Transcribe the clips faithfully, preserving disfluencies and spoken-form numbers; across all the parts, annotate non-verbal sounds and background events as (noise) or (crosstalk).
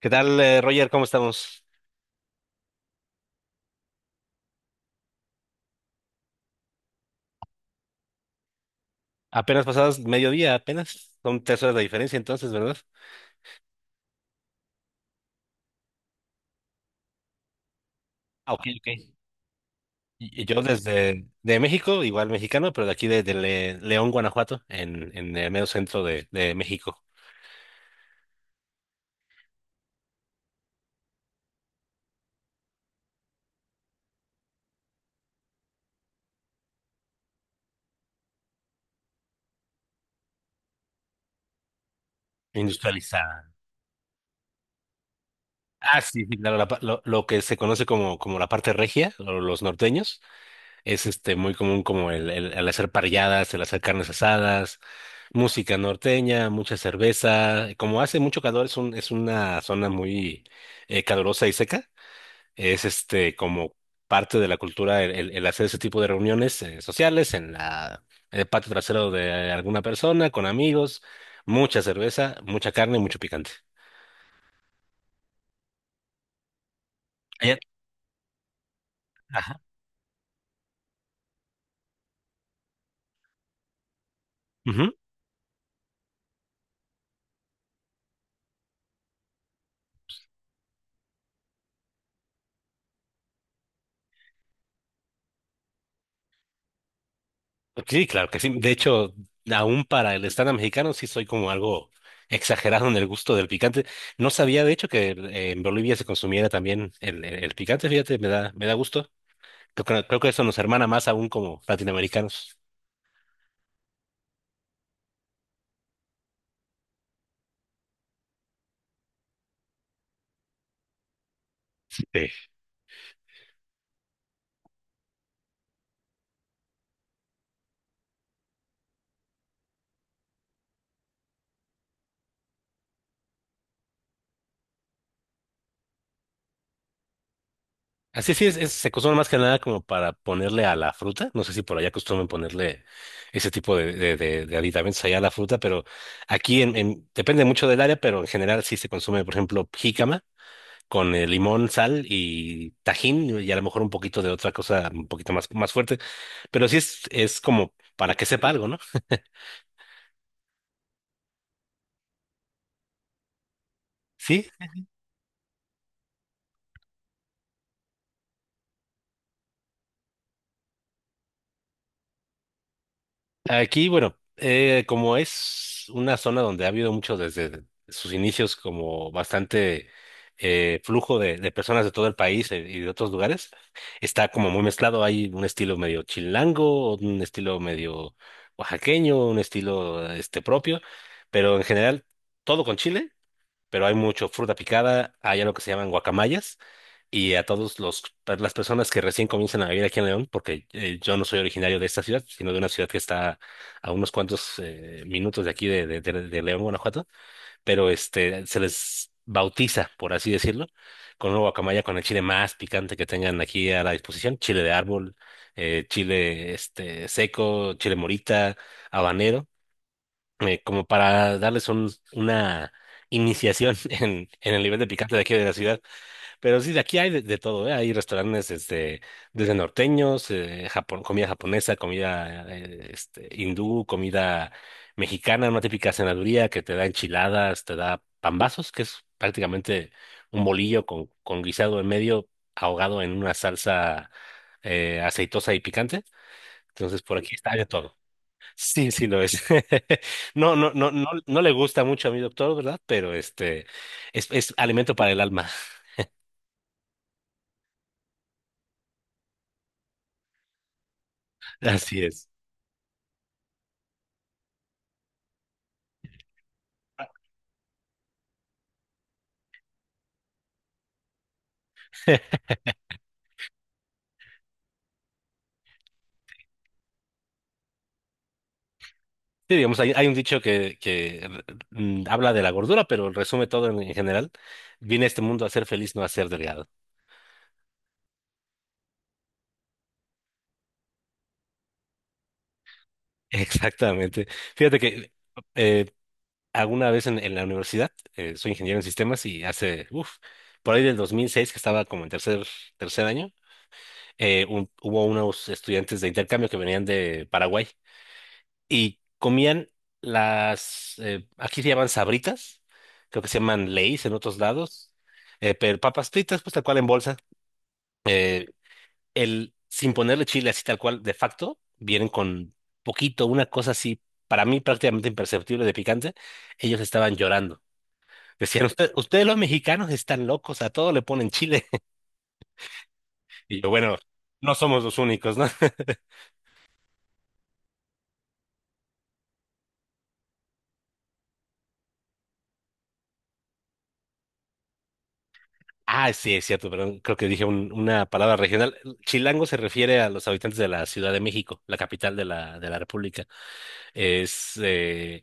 ¿Qué tal, eh, Roger? ¿Cómo estamos? Apenas pasadas mediodía, apenas. Son tres horas de diferencia entonces, ¿verdad? Ah, ok, ok. Y y yo desde de México, igual mexicano, pero de aquí de, de Le- León, Guanajuato, en, en el medio centro de, de México, industrializada. Ah, sí, sí, claro, la pa- lo, lo que se conoce como, como la parte regia, o los norteños. Es este muy común como el, el, el hacer parrilladas, el hacer carnes asadas, música norteña, mucha cerveza. Como hace mucho calor, es un, es una zona muy eh, calurosa y seca. Es este como parte de la cultura el, el- el hacer ese tipo de reuniones eh, sociales en la, en el patio trasero de alguna persona, con amigos, mucha cerveza, mucha carne y mucho picante. Allá- Ajá. Sí, claro que sí. De hecho, aún para el estándar mexicano sí soy como algo exagerado en el gusto del picante. No sabía, de hecho, que eh, en Bolivia se consumiera también el, el- el picante. Fíjate, me da, me da gusto. Creo, que creo que eso nos hermana más aún como latinoamericanos. Sí. Así sí, es, es- se consume más que nada como para ponerle a la fruta. No sé si por allá acostumbran ponerle ese tipo de, de, de- de aditamentos allá a la fruta, pero aquí en, en- depende mucho del área, pero en general sí se consume, por ejemplo, jícama, con eh, limón, sal y tajín y a lo mejor un poquito de otra cosa un poquito más, más fuerte, pero sí es, es como para que sepa algo, ¿no? Sí, aquí, bueno, eh, como es una zona donde ha habido mucho desde sus inicios como bastante eh, flujo de, de personas de todo el país eh, y de otros lugares, está como muy mezclado, hay un estilo medio chilango, un estilo medio oaxaqueño, un estilo este propio, pero en general todo con chile, pero hay mucho fruta picada, hay algo que se llaman guacamayas, y a todos los, a las personas que recién comienzan a vivir aquí en León, porque eh, yo no soy originario de esta ciudad, sino de una ciudad que está a unos cuantos eh, minutos de aquí de, de, de- de León, Guanajuato, pero este se les bautiza, por así decirlo, con una guacamaya con el chile más picante que tengan aquí a la disposición, chile de árbol, eh, chile este seco, chile morita, habanero, eh, como para darles un, una iniciación (laughs) en, en el nivel de picante de aquí de la ciudad. Pero sí, de aquí hay de, de todo, ¿eh? Hay restaurantes este, desde norteños, eh, Japón, comida japonesa, comida eh, este, hindú, comida mexicana, una típica cenaduría que te da enchiladas, te da pambazos, que es prácticamente un bolillo con, con guisado en medio, ahogado en una salsa eh, aceitosa y picante. Entonces, por aquí está de todo. Sí, sí lo es. (laughs) No, no, no, no, no le gusta mucho a mi doctor, ¿verdad? Pero este es, es alimento para el alma. (laughs) Así es. (laughs) Sí, digamos, hay, hay un dicho que, que mm, habla de la gordura, pero resume todo en, en general. Vine a este mundo a ser feliz, no a ser delgado. (laughs) Exactamente. Fíjate que eh, alguna vez en, en la universidad, eh, soy ingeniero en sistemas y hace, uff, por ahí del dos mil seis, que estaba como en tercer, tercer año, eh, un- hubo unos estudiantes de intercambio que venían de Paraguay, y comían las, eh, aquí se llaman sabritas, creo que se llaman Lay's en otros lados, eh, pero papas fritas, pues tal cual en bolsa. Eh, el, Sin ponerle chile así tal cual, de facto, vienen con poquito, una cosa así, para mí prácticamente imperceptible de picante, ellos estaban llorando. Decían, "Usted- ustedes los mexicanos están locos, a todo le ponen chile". (laughs) Y yo, bueno, no somos los únicos, ¿no? Ah, sí, es cierto, perdón. Creo que dije un- una palabra regional. Chilango se refiere a los habitantes de la Ciudad de México, la capital de la, de la República. Es eh,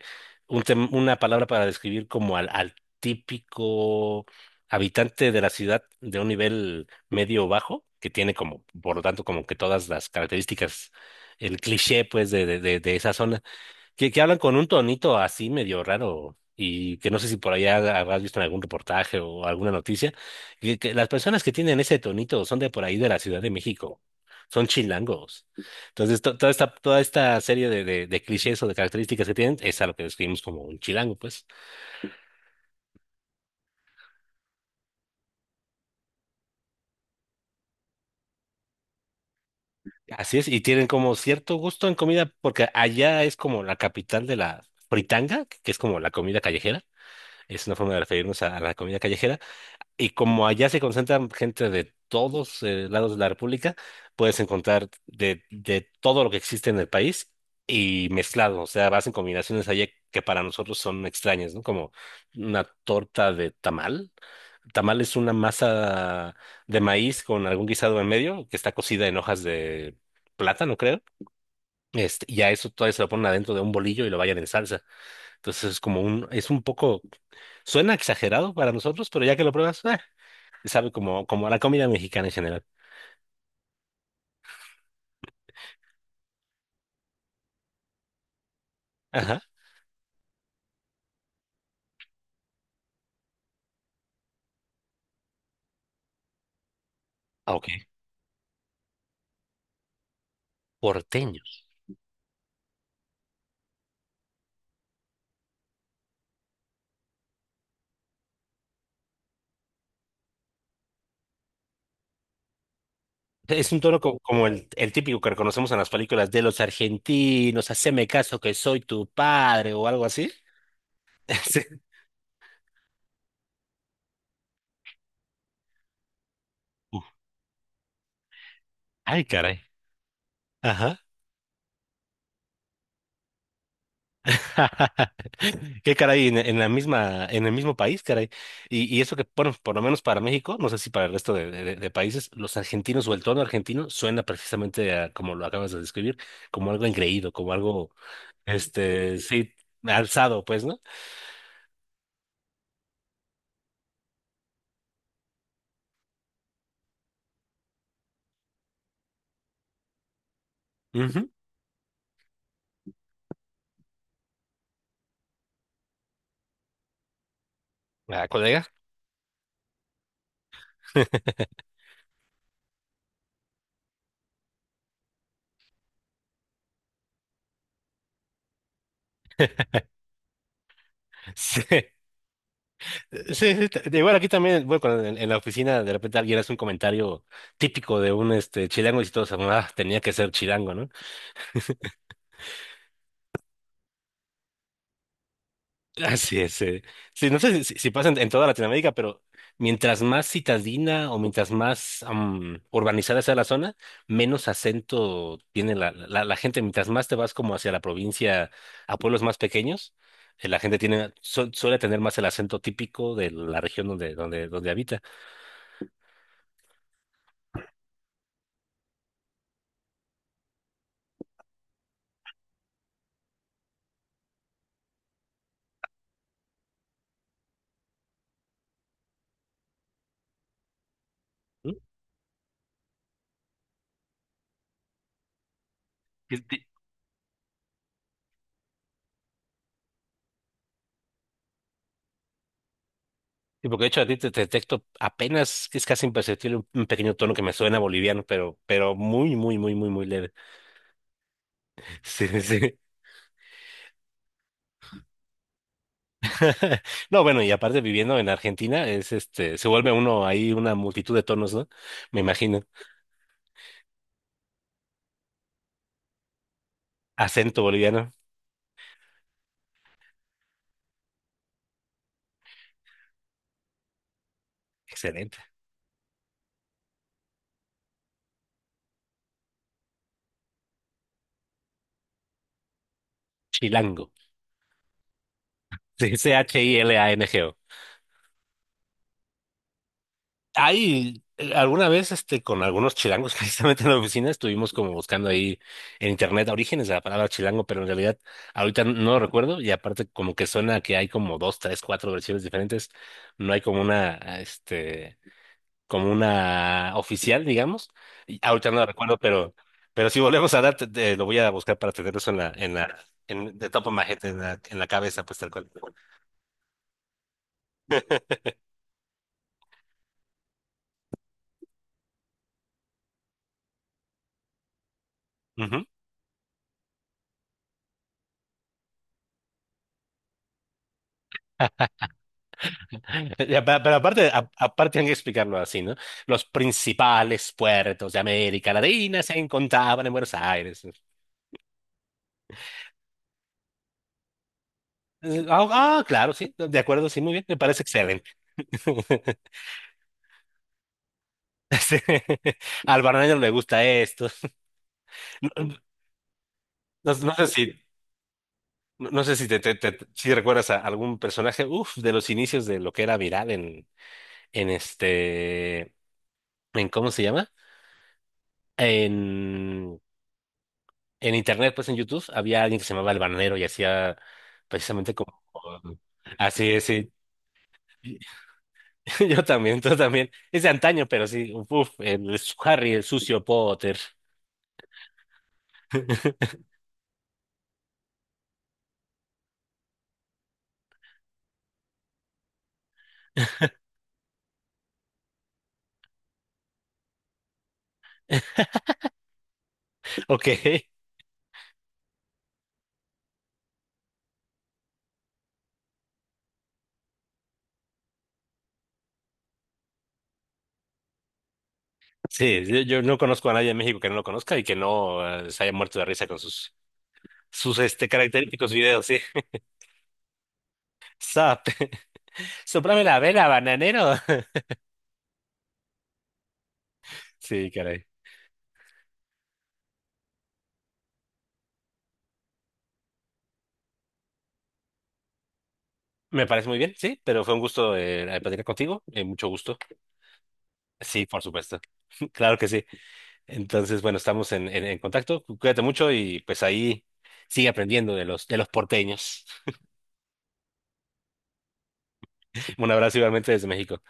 un tem- una palabra para describir como al, al típico habitante de la ciudad de un nivel medio o bajo, que tiene como, por lo tanto, como que todas las características, el cliché, pues, de, de, de de esa zona, que, que hablan con un tonito así medio raro y que no sé si por allá habrás visto en algún reportaje o alguna noticia, que, que las personas que tienen ese tonito son de por ahí de la Ciudad de México, son chilangos. Entonces, to- toda esta, toda esta serie de, de, de clichés o de características que tienen es a lo que describimos como un chilango, pues. Así es, y tienen como cierto gusto en comida porque allá es como la capital de la fritanga, que es como la comida callejera. Es una forma de referirnos a a la comida callejera. Y como allá se concentran gente de todos eh, lados de la República, puedes encontrar de, de todo lo que existe en el país y mezclado. O sea, vas en combinaciones allá que para nosotros son extrañas, ¿no? Como una torta de tamal. Tamal es una masa de maíz con algún guisado en medio que está cocida en hojas de plátano, creo. Este, y a eso todavía se lo ponen adentro de un bolillo y lo vayan en salsa. Entonces es como un, es un poco, suena exagerado para nosotros, pero ya que lo pruebas, (laughs) ah, Sabe como, como a la comida mexicana en general. Ajá. Ah, ok. Porteños. Es un tono co- como el, el típico que reconocemos en las películas de los argentinos, haceme caso que soy tu padre o algo así. (laughs) Sí. Uf, ay, caray. Ajá. (laughs) Qué caray, en, en la misma, en el mismo país, caray. Y, y eso que, bueno, por lo menos para México, no sé si para el resto de, de- de países, los argentinos o el tono argentino suena precisamente a, como lo acabas de describir, como algo engreído, como algo, este, sí, alzado, pues, ¿no? Ujú. Ah, colega. (laughs) Sí, sí, sí, t- igual aquí también, bueno, cuando en, en la oficina de repente alguien hace un comentario típico de un este chilango y todos, ah, tenía que ser chilango, ¿no? (laughs) Así es. eh. Sí, no sé si, si si pasa en, en toda Latinoamérica, pero mientras más citadina o mientras más am, urbanizada sea la zona, menos acento tiene la, la, la gente. Mientras más te vas como hacia la provincia, a pueblos más pequeños, eh, la gente tiene, su- suele tener más el acento típico de la región donde, donde, donde habita. ¿Mm? Y- y- y porque de hecho a ti te te detecto apenas, es casi imperceptible un un pequeño tono que me suena boliviano, pero, pero muy, muy, muy, muy, muy leve. (laughs) Sí, sí. Sí. (laughs) No, bueno, y aparte viviendo en Argentina, es este, se vuelve uno ahí una multitud de tonos, ¿no? Me imagino. Acento boliviano. Excelente. Chilango. Sí, C-H-I-L-A-N-G-O. Ahí, eh, alguna vez este, con algunos chilangos, (laughs) precisamente en la oficina, estuvimos como buscando ahí en internet orígenes de la palabra chilango, pero en realidad ahorita no lo recuerdo y aparte como que suena que hay como dos, tres, cuatro versiones diferentes, no hay como una, este, como una oficial, digamos, y ahorita no la recuerdo, pero, pero si volvemos a dar, te- te- lo voy a buscar para tener eso en la, en la, en, de top of my head, en la, en la cabeza, pues tal cual. Ujú. Ya, pe- Pero aparte, a- aparte hay que explicarlo así, ¿no? Los principales puertos de América Latina se encontraban en Buenos Aires. Eh, Ah, ah, claro, sí, de acuerdo, sí, muy bien, me parece excelente. (laughs) Sí. Al Barney le gusta esto. No, no no sé si, no no sé si te, te- te- si recuerdas a algún personaje, uf, de los inicios de lo que era viral en, en este, en ¿cómo se llama? en en internet, pues en YouTube, había alguien que se llamaba El Bananero y hacía precisamente como. Así es, sí. (laughs) Yo también, tú también. Es de antaño, pero sí. Uf, el Harry, el sucio Potter. (laughs) Ok. Sí, yo, yo no conozco a nadie en México que no lo conozca y que no eh, se haya muerto de risa con sus, sus este, característicos videos, sí. Zap. (laughs) Sóprame la vela, bananero. (laughs) Sí, caray. Me parece muy bien, sí, pero fue un gusto eh, platicar contigo. Eh, mucho gusto. Sí, por supuesto. (laughs) Claro que sí. Entonces, bueno, estamos en, en, en contacto. Cuídate mucho y pues ahí sigue aprendiendo de los, de los porteños. (laughs) Un abrazo igualmente desde México.